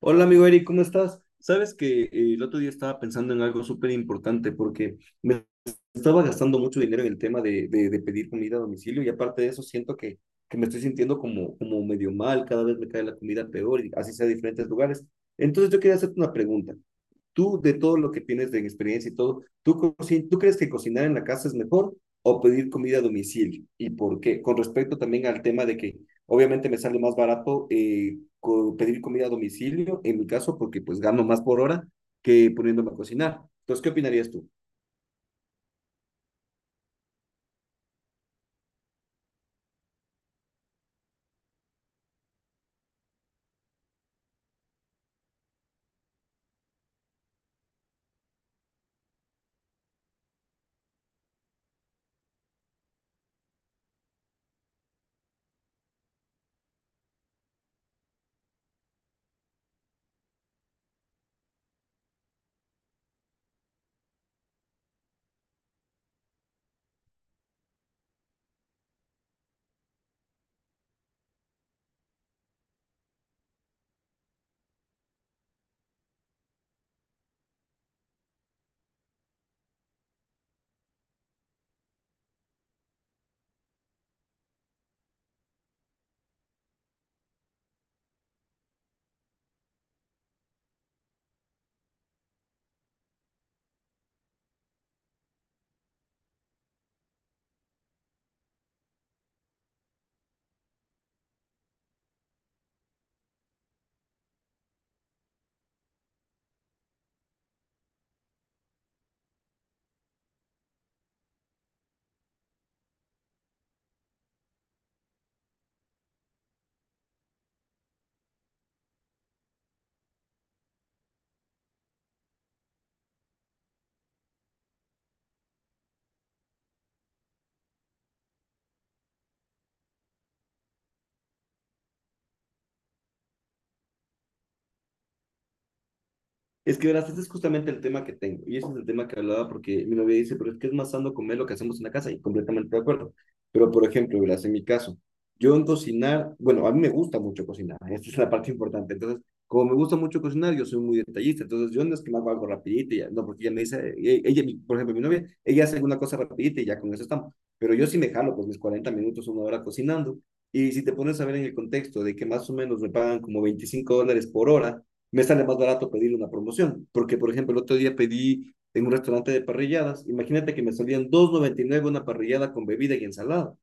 Hola amigo Eric, ¿cómo estás? Sabes que el otro día estaba pensando en algo súper importante porque me estaba gastando mucho dinero en el tema de pedir comida a domicilio y aparte de eso siento que me estoy sintiendo como medio mal, cada vez me cae la comida peor y así sea de diferentes lugares. Entonces yo quería hacerte una pregunta tú de todo lo que tienes de experiencia y todo, ¿tú crees que cocinar en la casa es mejor o pedir comida a domicilio? ¿Y por qué? Con respecto también al tema de que obviamente me sale más barato co pedir comida a domicilio, en mi caso, porque pues gano más por hora que poniéndome a cocinar. Entonces, ¿qué opinarías tú? Es que verás, este es justamente el tema que tengo, y ese es el tema que hablaba porque mi novia dice, pero es que es más sano comer lo que hacemos en la casa, y completamente de acuerdo. Pero, por ejemplo, verás, en mi caso, yo en cocinar, bueno, a mí me gusta mucho cocinar, esta es la parte importante. Entonces, como me gusta mucho cocinar, yo soy muy detallista, entonces yo no es que me hago algo rapidito, y ya, no, porque ella me dice, por ejemplo, mi novia, ella hace una cosa rapidita y ya con eso estamos. Pero yo sí me jalo, pues mis 40 minutos, una hora cocinando, y si te pones a ver en el contexto de que más o menos me pagan como $25 por hora, me sale más barato pedir una promoción, porque por ejemplo el otro día pedí en un restaurante de parrilladas, imagínate que me salían dos noventa y nueve una parrillada con bebida y ensalada.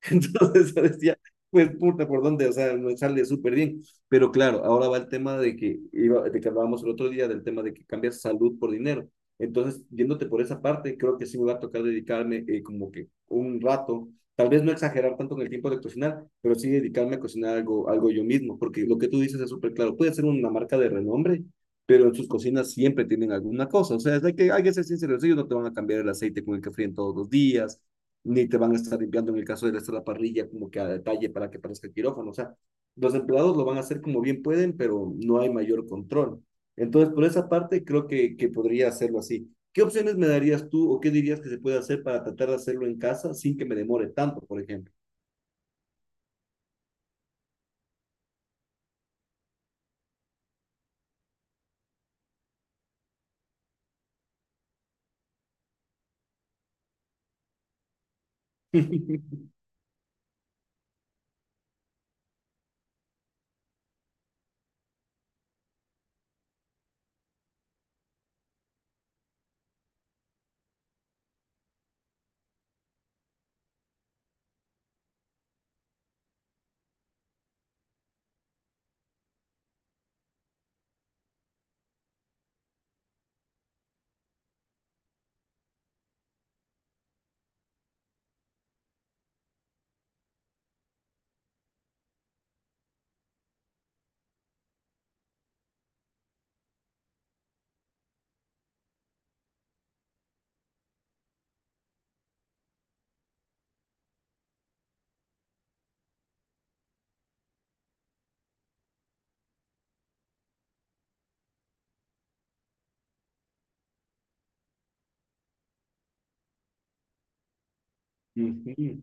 Entonces yo decía, pues puta, ¿por dónde? O sea, me sale súper bien. Pero claro, ahora va el tema de que, iba, de que hablábamos el otro día, del tema de que cambias salud por dinero. Entonces, yéndote por esa parte, creo que sí me va a tocar dedicarme como que un rato, tal vez no exagerar tanto en el tiempo de cocinar, pero sí dedicarme a cocinar algo yo mismo, porque lo que tú dices es súper claro. Puede ser una marca de renombre, pero en sus cocinas siempre tienen alguna cosa. O sea, es de que hay que ser sinceros, ellos no te van a cambiar el aceite con el que fríen todos los días, ni te van a estar limpiando en el caso de estar la parrilla como que a detalle para que parezca el quirófano. O sea, los empleados lo van a hacer como bien pueden, pero no hay mayor control. Entonces, por esa parte, creo que podría hacerlo así. ¿Qué opciones me darías tú o qué dirías que se puede hacer para tratar de hacerlo en casa sin que me demore tanto, por ejemplo? Ujú.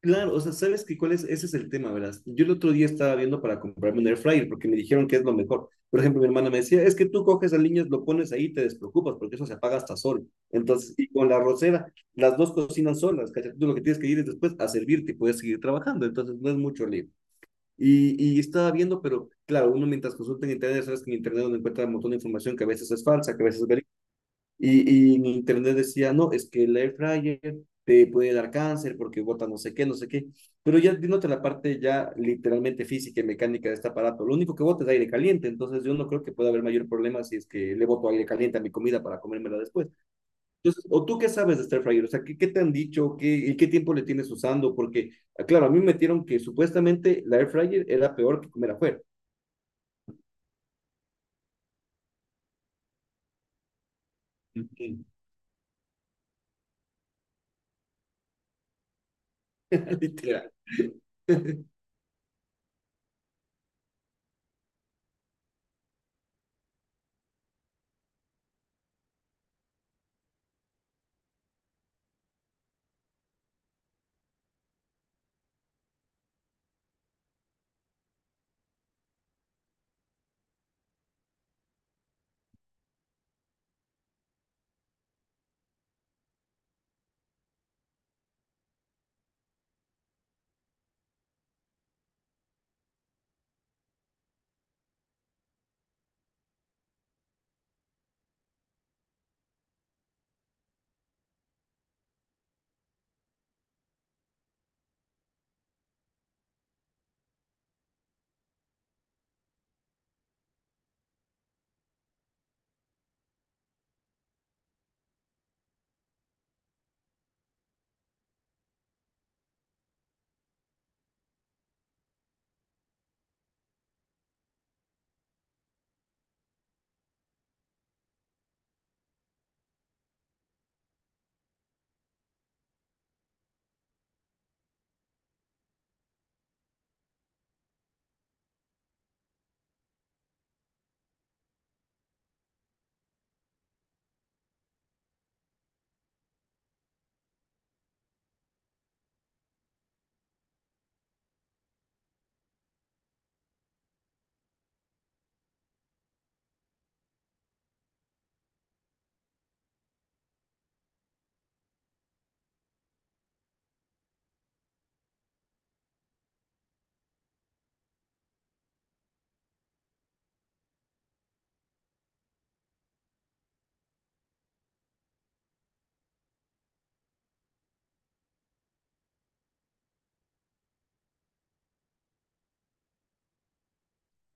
Claro, o sea, ¿sabes qué cuál es? Ese es el tema, ¿verdad? Yo el otro día estaba viendo para comprarme un air fryer porque me dijeron que es lo mejor. Por ejemplo, mi hermana me decía, es que tú coges al niño, lo pones ahí y te despreocupas porque eso se apaga hasta solo. Entonces, y con la arrocera, las dos cocinan solas, ¿cachai? Tú lo que tienes que ir es después a servirte y puedes seguir trabajando, entonces no es mucho lío. Y estaba viendo, pero claro, uno mientras consulta en internet, sabes que en internet uno encuentra un montón de información que a veces es falsa, que a veces es verídica y mi internet decía, no, es que el air fryer te puede dar cáncer porque bota no sé qué, no sé qué. Pero ya dándote la parte ya literalmente física y mecánica de este aparato, lo único que bota es aire caliente, entonces yo no creo que pueda haber mayor problema si es que le boto aire caliente a mi comida para comérmela después. Entonces, ¿o tú qué sabes de este air fryer? O sea, ¿qué te han dicho? ¿Y qué tiempo le tienes usando? Porque, ah, claro, a mí me metieron que supuestamente la air fryer era peor que comer afuera. Literal.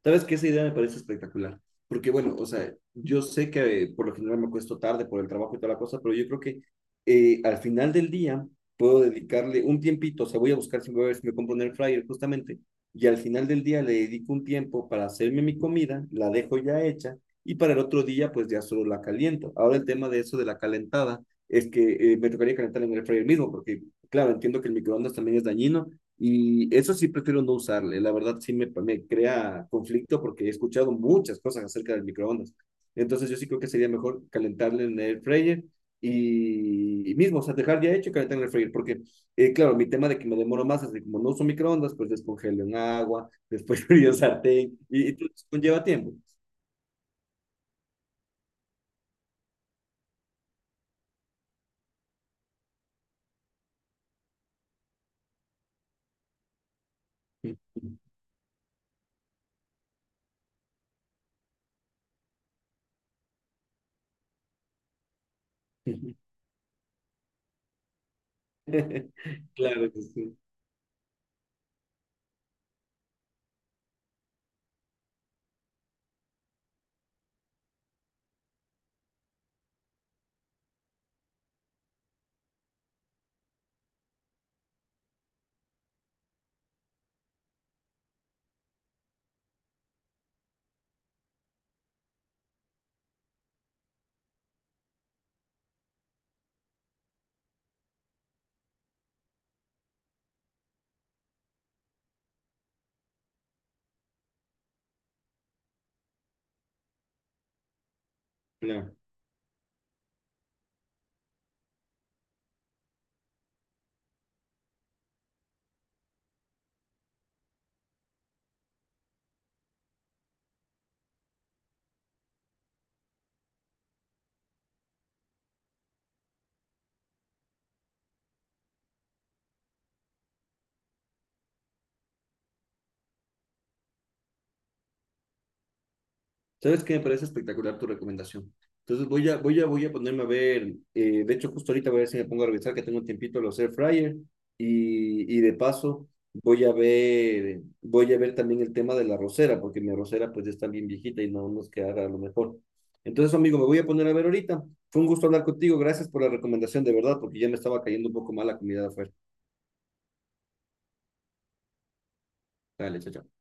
Sabes que esa idea me parece espectacular, porque bueno, o sea, yo sé que por lo general me acuesto tarde por el trabajo y toda la cosa, pero yo creo que al final del día puedo dedicarle un tiempito, o sea, voy a ver si me compro un air fryer justamente, y al final del día le dedico un tiempo para hacerme mi comida, la dejo ya hecha, y para el otro día pues ya solo la caliento. Ahora el tema de eso de la calentada es que me tocaría calentar en el air fryer mismo, porque claro, entiendo que el microondas también es dañino, y eso sí prefiero no usarle. La verdad sí me crea conflicto porque he escuchado muchas cosas acerca del microondas. Entonces yo sí creo que sería mejor calentarle en el fryer y mismo, o sea, dejar ya hecho y calentar en el freír, porque, claro, mi tema de que me demoro más, así como no uso microondas, pues descongelo en agua, después frío sartén, y todo eso conlleva tiempo. Claro que sí, claro. ¿Sabes qué? Me parece espectacular tu recomendación. Entonces voy a ponerme a ver, de hecho justo ahorita voy a ver si me pongo a revisar que tengo un tiempito los air fryer y de paso voy a ver también el tema de la rosera, porque mi rosera pues ya está bien viejita y no nos quedará a lo mejor. Entonces, amigo, me voy a poner a ver ahorita. Fue un gusto hablar contigo. Gracias por la recomendación, de verdad, porque ya me estaba cayendo un poco mal la comida de afuera. Dale, chao, chao.